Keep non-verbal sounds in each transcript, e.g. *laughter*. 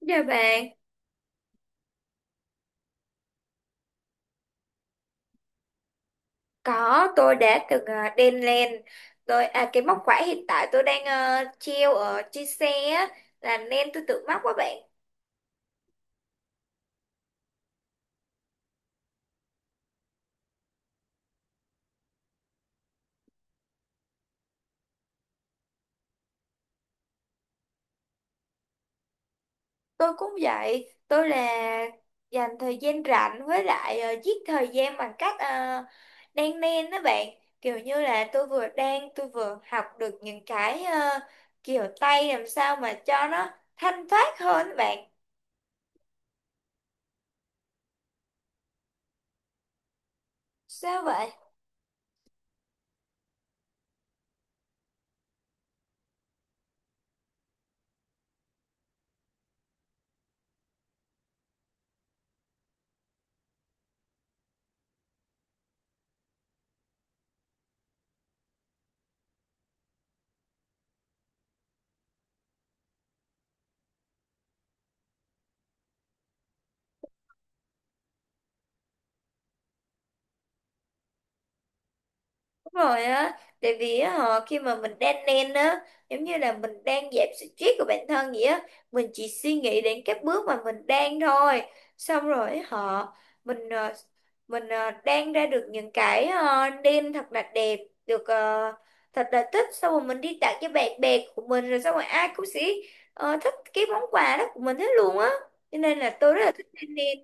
Dạ bạn, có tôi đã từng đen len tôi à cái móc khóa hiện tại tôi đang treo ở trên xe á, là nên tôi tự móc quá bạn. Tôi cũng vậy, tôi là dành thời gian rảnh với lại giết thời gian bằng cách đan len đó bạn. Kiểu như là tôi vừa đan tôi vừa học được những cái kiểu tay làm sao mà cho nó thanh thoát hơn á bạn. Sao vậy? Đúng rồi á, tại vì á, họ khi mà mình đang lên á, giống như là mình đang giảm stress của bản thân vậy á, mình chỉ suy nghĩ đến các bước mà mình đang thôi. Xong rồi họ mình đang ra được những cái đêm thật là đẹp, được thật là thích, xong rồi mình đi tặng cho bạn bè của mình rồi xong rồi ai cũng sẽ thích cái món quà đó của mình hết luôn á. Cho nên là tôi rất là thích đêm.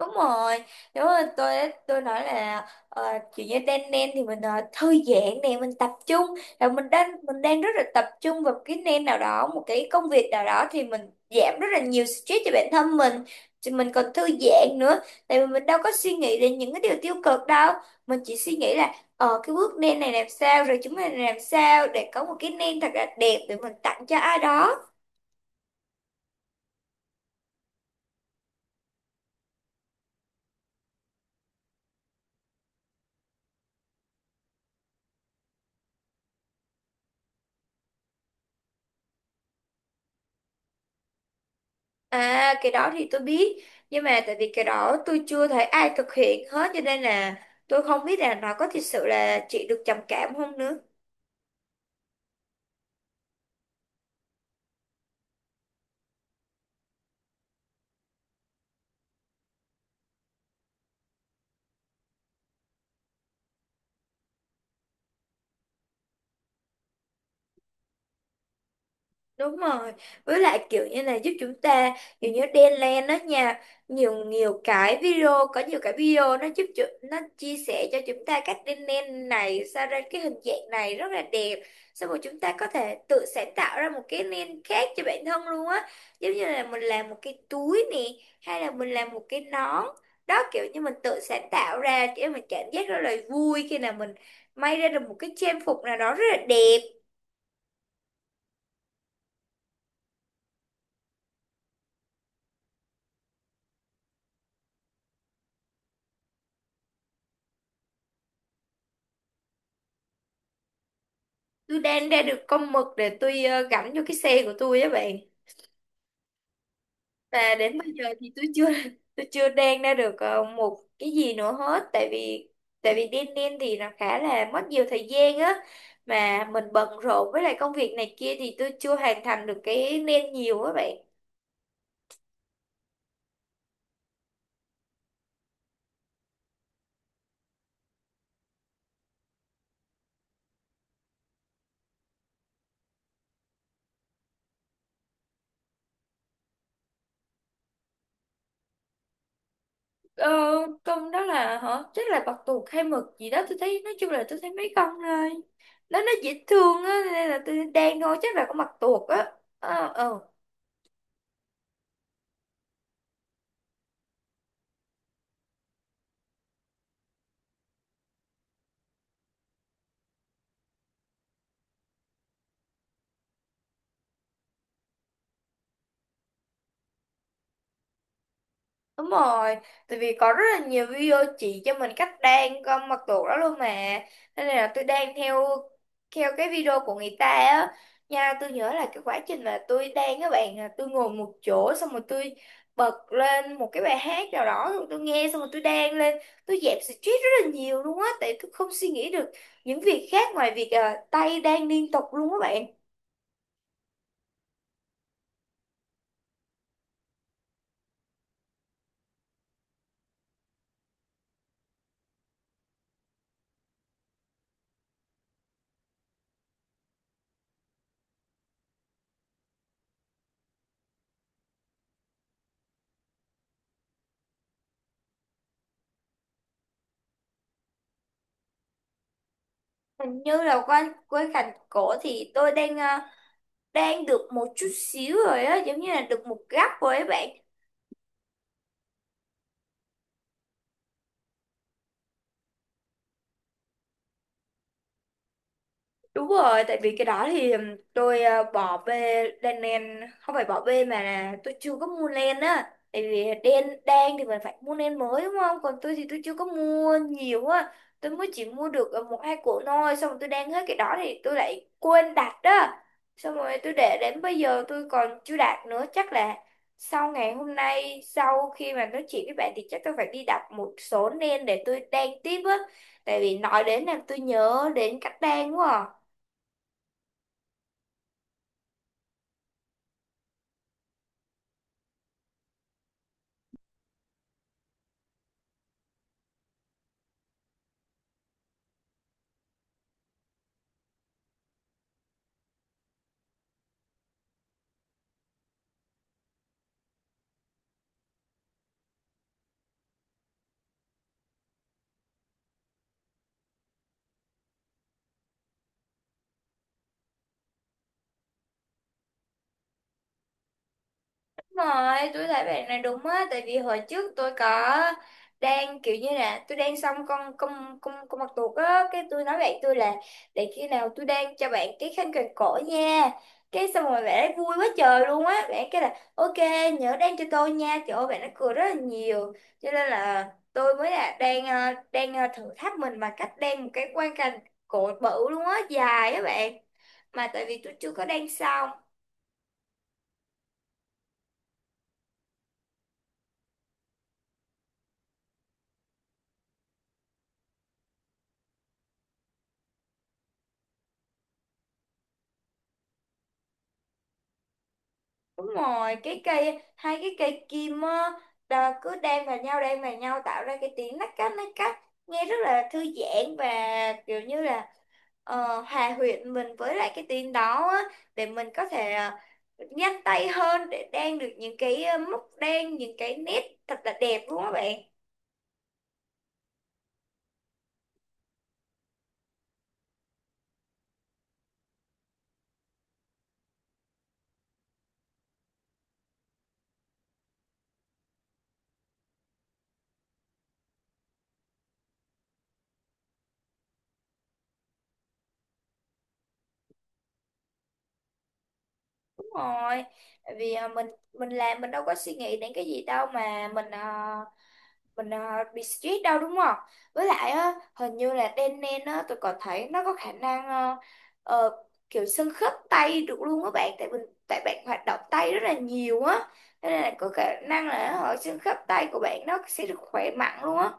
Đúng rồi, đúng rồi, tôi nói là kiểu như đan nen thì mình thư giãn nè, mình tập trung là mình đang rất là tập trung vào cái nen nào đó, một cái công việc nào đó thì mình giảm rất là nhiều stress cho bản thân mình, thì mình còn thư giãn nữa, tại vì mình đâu có suy nghĩ đến những cái điều tiêu cực đâu, mình chỉ suy nghĩ là ờ cái bước nen này làm sao rồi chúng mình làm sao để có một cái nen thật là đẹp để mình tặng cho ai đó. À cái đó thì tôi biết. Nhưng mà tại vì cái đó tôi chưa thấy ai thực hiện hết, cho nên là tôi không biết là nó có thực sự là chị được trầm cảm không nữa. Đúng rồi, với lại kiểu như này giúp chúng ta kiểu như đan đó nha, nhiều nhiều cái video có nhiều cái video nó nó chia sẻ cho chúng ta cách đan len này sao ra cái hình dạng này rất là đẹp. Xong rồi chúng ta có thể tự sáng tạo ra một cái len khác cho bản thân luôn á. Giống như là mình làm một cái túi nè hay là mình làm một cái nón. Đó kiểu như mình tự sáng tạo ra để mình cảm giác rất là vui khi nào mình may ra được một cái trang phục nào đó rất là đẹp. Tôi đang ra được con mực để tôi gắn vô cái xe của tôi á bạn. Và đến bây giờ thì tôi chưa *laughs* tôi chưa đang ra được một cái gì nữa hết, tại vì đen đen thì nó khá là mất nhiều thời gian á, mà mình bận rộn với lại công việc này kia thì tôi chưa hoàn thành được cái nên nhiều á bạn. ờ, con đó là hả, chắc là bạch tuộc hay mực gì đó, tôi thấy nói chung là tôi thấy mấy con thôi, nó dễ thương á nên là tôi đang thôi, chắc là con bạch tuộc á. ờ ờ Đúng rồi, tại vì có rất là nhiều video chỉ cho mình cách đan con mật tuộc đó luôn mà. Nên là tôi đan theo theo cái video của người ta á. Nha, tôi nhớ là cái quá trình mà tôi đan các bạn là tôi ngồi một chỗ xong rồi tôi bật lên một cái bài hát nào đó rồi tôi nghe xong rồi tôi đan lên, tôi dẹp stress rất là nhiều luôn á tại tôi không suy nghĩ được những việc khác ngoài việc tay đan liên tục luôn các bạn. Hình như là quanh quanh cành cổ thì tôi đang đang được một chút xíu rồi á, giống như là được một gắp rồi ấy bạn. Đúng rồi, tại vì cái đó thì tôi bỏ về đèn nền, không phải bỏ về mà là tôi chưa có mua len á. Tại vì đen đen thì mình phải mua len mới đúng không? Còn tôi thì tôi chưa có mua nhiều á. Tôi mới chỉ mua được 1 2 cuộn thôi, xong rồi tôi đang hết cái đó thì tôi lại quên đặt đó. Xong rồi tôi để đến bây giờ tôi còn chưa đặt nữa, chắc là sau ngày hôm nay sau khi mà nói chuyện với bạn thì chắc tôi phải đi đặt một số len để tôi đan tiếp á. Tại vì nói đến làm tôi nhớ đến cách đan quá à. Đúng rồi tôi thấy bạn này đúng á, tại vì hồi trước tôi có đang kiểu như là tôi đang xong con mặt tuột á, cái tôi nói bạn tôi là để khi nào tôi đang cho bạn cái khăn quàng cổ nha. Cái xong rồi bạn ấy vui quá trời luôn á, bạn ấy kêu là ok, nhớ đang cho tôi nha, trời ơi bạn ấy cười rất là nhiều. Cho nên là tôi mới là đang thử thách mình bằng cách đang một cái quang cảnh cổ bự luôn á, dài á bạn, mà tại vì tôi chưa có đang xong. Đúng rồi, cái cây hai cái cây kim á cứ đan vào nhau tạo ra cái tiếng lách cách lách cách, nghe rất là thư giãn và kiểu như là hòa quyện mình với lại cái tiếng đó á, để mình có thể nhanh tay hơn để đan được những cái móc đan những cái nét thật là đẹp luôn các bạn. Đúng rồi, tại vì mình làm mình đâu có suy nghĩ đến cái gì đâu mà mình bị stress đâu đúng không? Với lại á, hình như là đen nen á, tôi còn thấy nó có khả năng ờ, kiểu xương khớp tay được luôn á bạn, tại mình tại bạn hoạt động tay rất là nhiều á, nên là có khả năng là ở xương khớp tay của bạn nó sẽ được khỏe mạnh luôn á.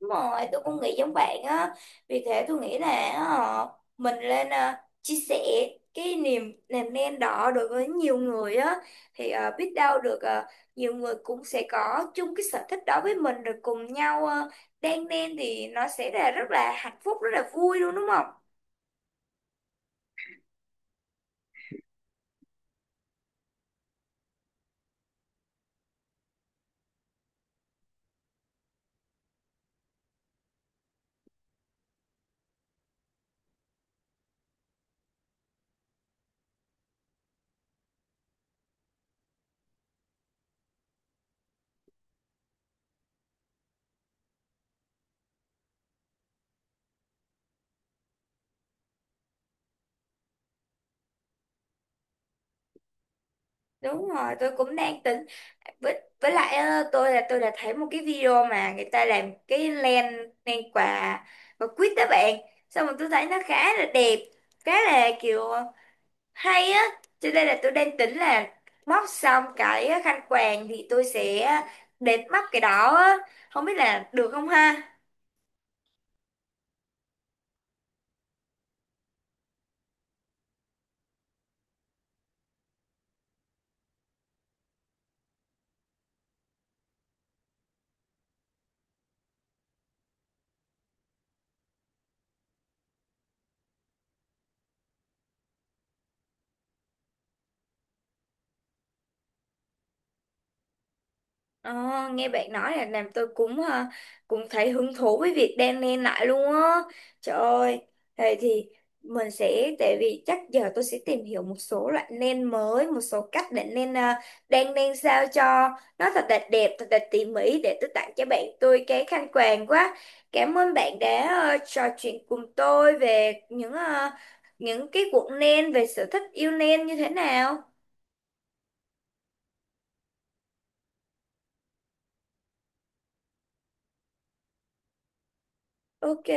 Đúng rồi, tôi cũng nghĩ giống bạn á. Vì thế tôi nghĩ là ờ, mình lên chia sẻ cái niềm làm nên đó đối với nhiều người á, thì biết đâu được nhiều người cũng sẽ có chung cái sở thích đó với mình rồi cùng nhau đan nên thì nó sẽ là rất là hạnh phúc, rất là vui luôn đúng không? Đúng rồi, tôi cũng đang tính với lại á, tôi đã thấy một cái video mà người ta làm cái len len quà và quýt đó bạn, xong rồi tôi thấy nó khá là đẹp, khá là kiểu hay á, cho nên là tôi đang tính là móc xong cái khăn quàng thì tôi sẽ đến móc cái đó á, không biết là được không ha. Ờ, Nghe bạn nói là làm tôi cũng cũng thấy hứng thú với việc đan len lại luôn á. Trời ơi, thế thì mình sẽ tại vì chắc giờ tôi sẽ tìm hiểu một số loại len mới, một số cách để len đan len sao cho nó thật là đẹp, thật là tỉ mỉ để tôi tặng cho bạn tôi cái khăn quàng quá. Cảm ơn bạn đã trò chuyện cùng tôi về những những cái cuộn len về sở thích yêu len như thế nào. Ok.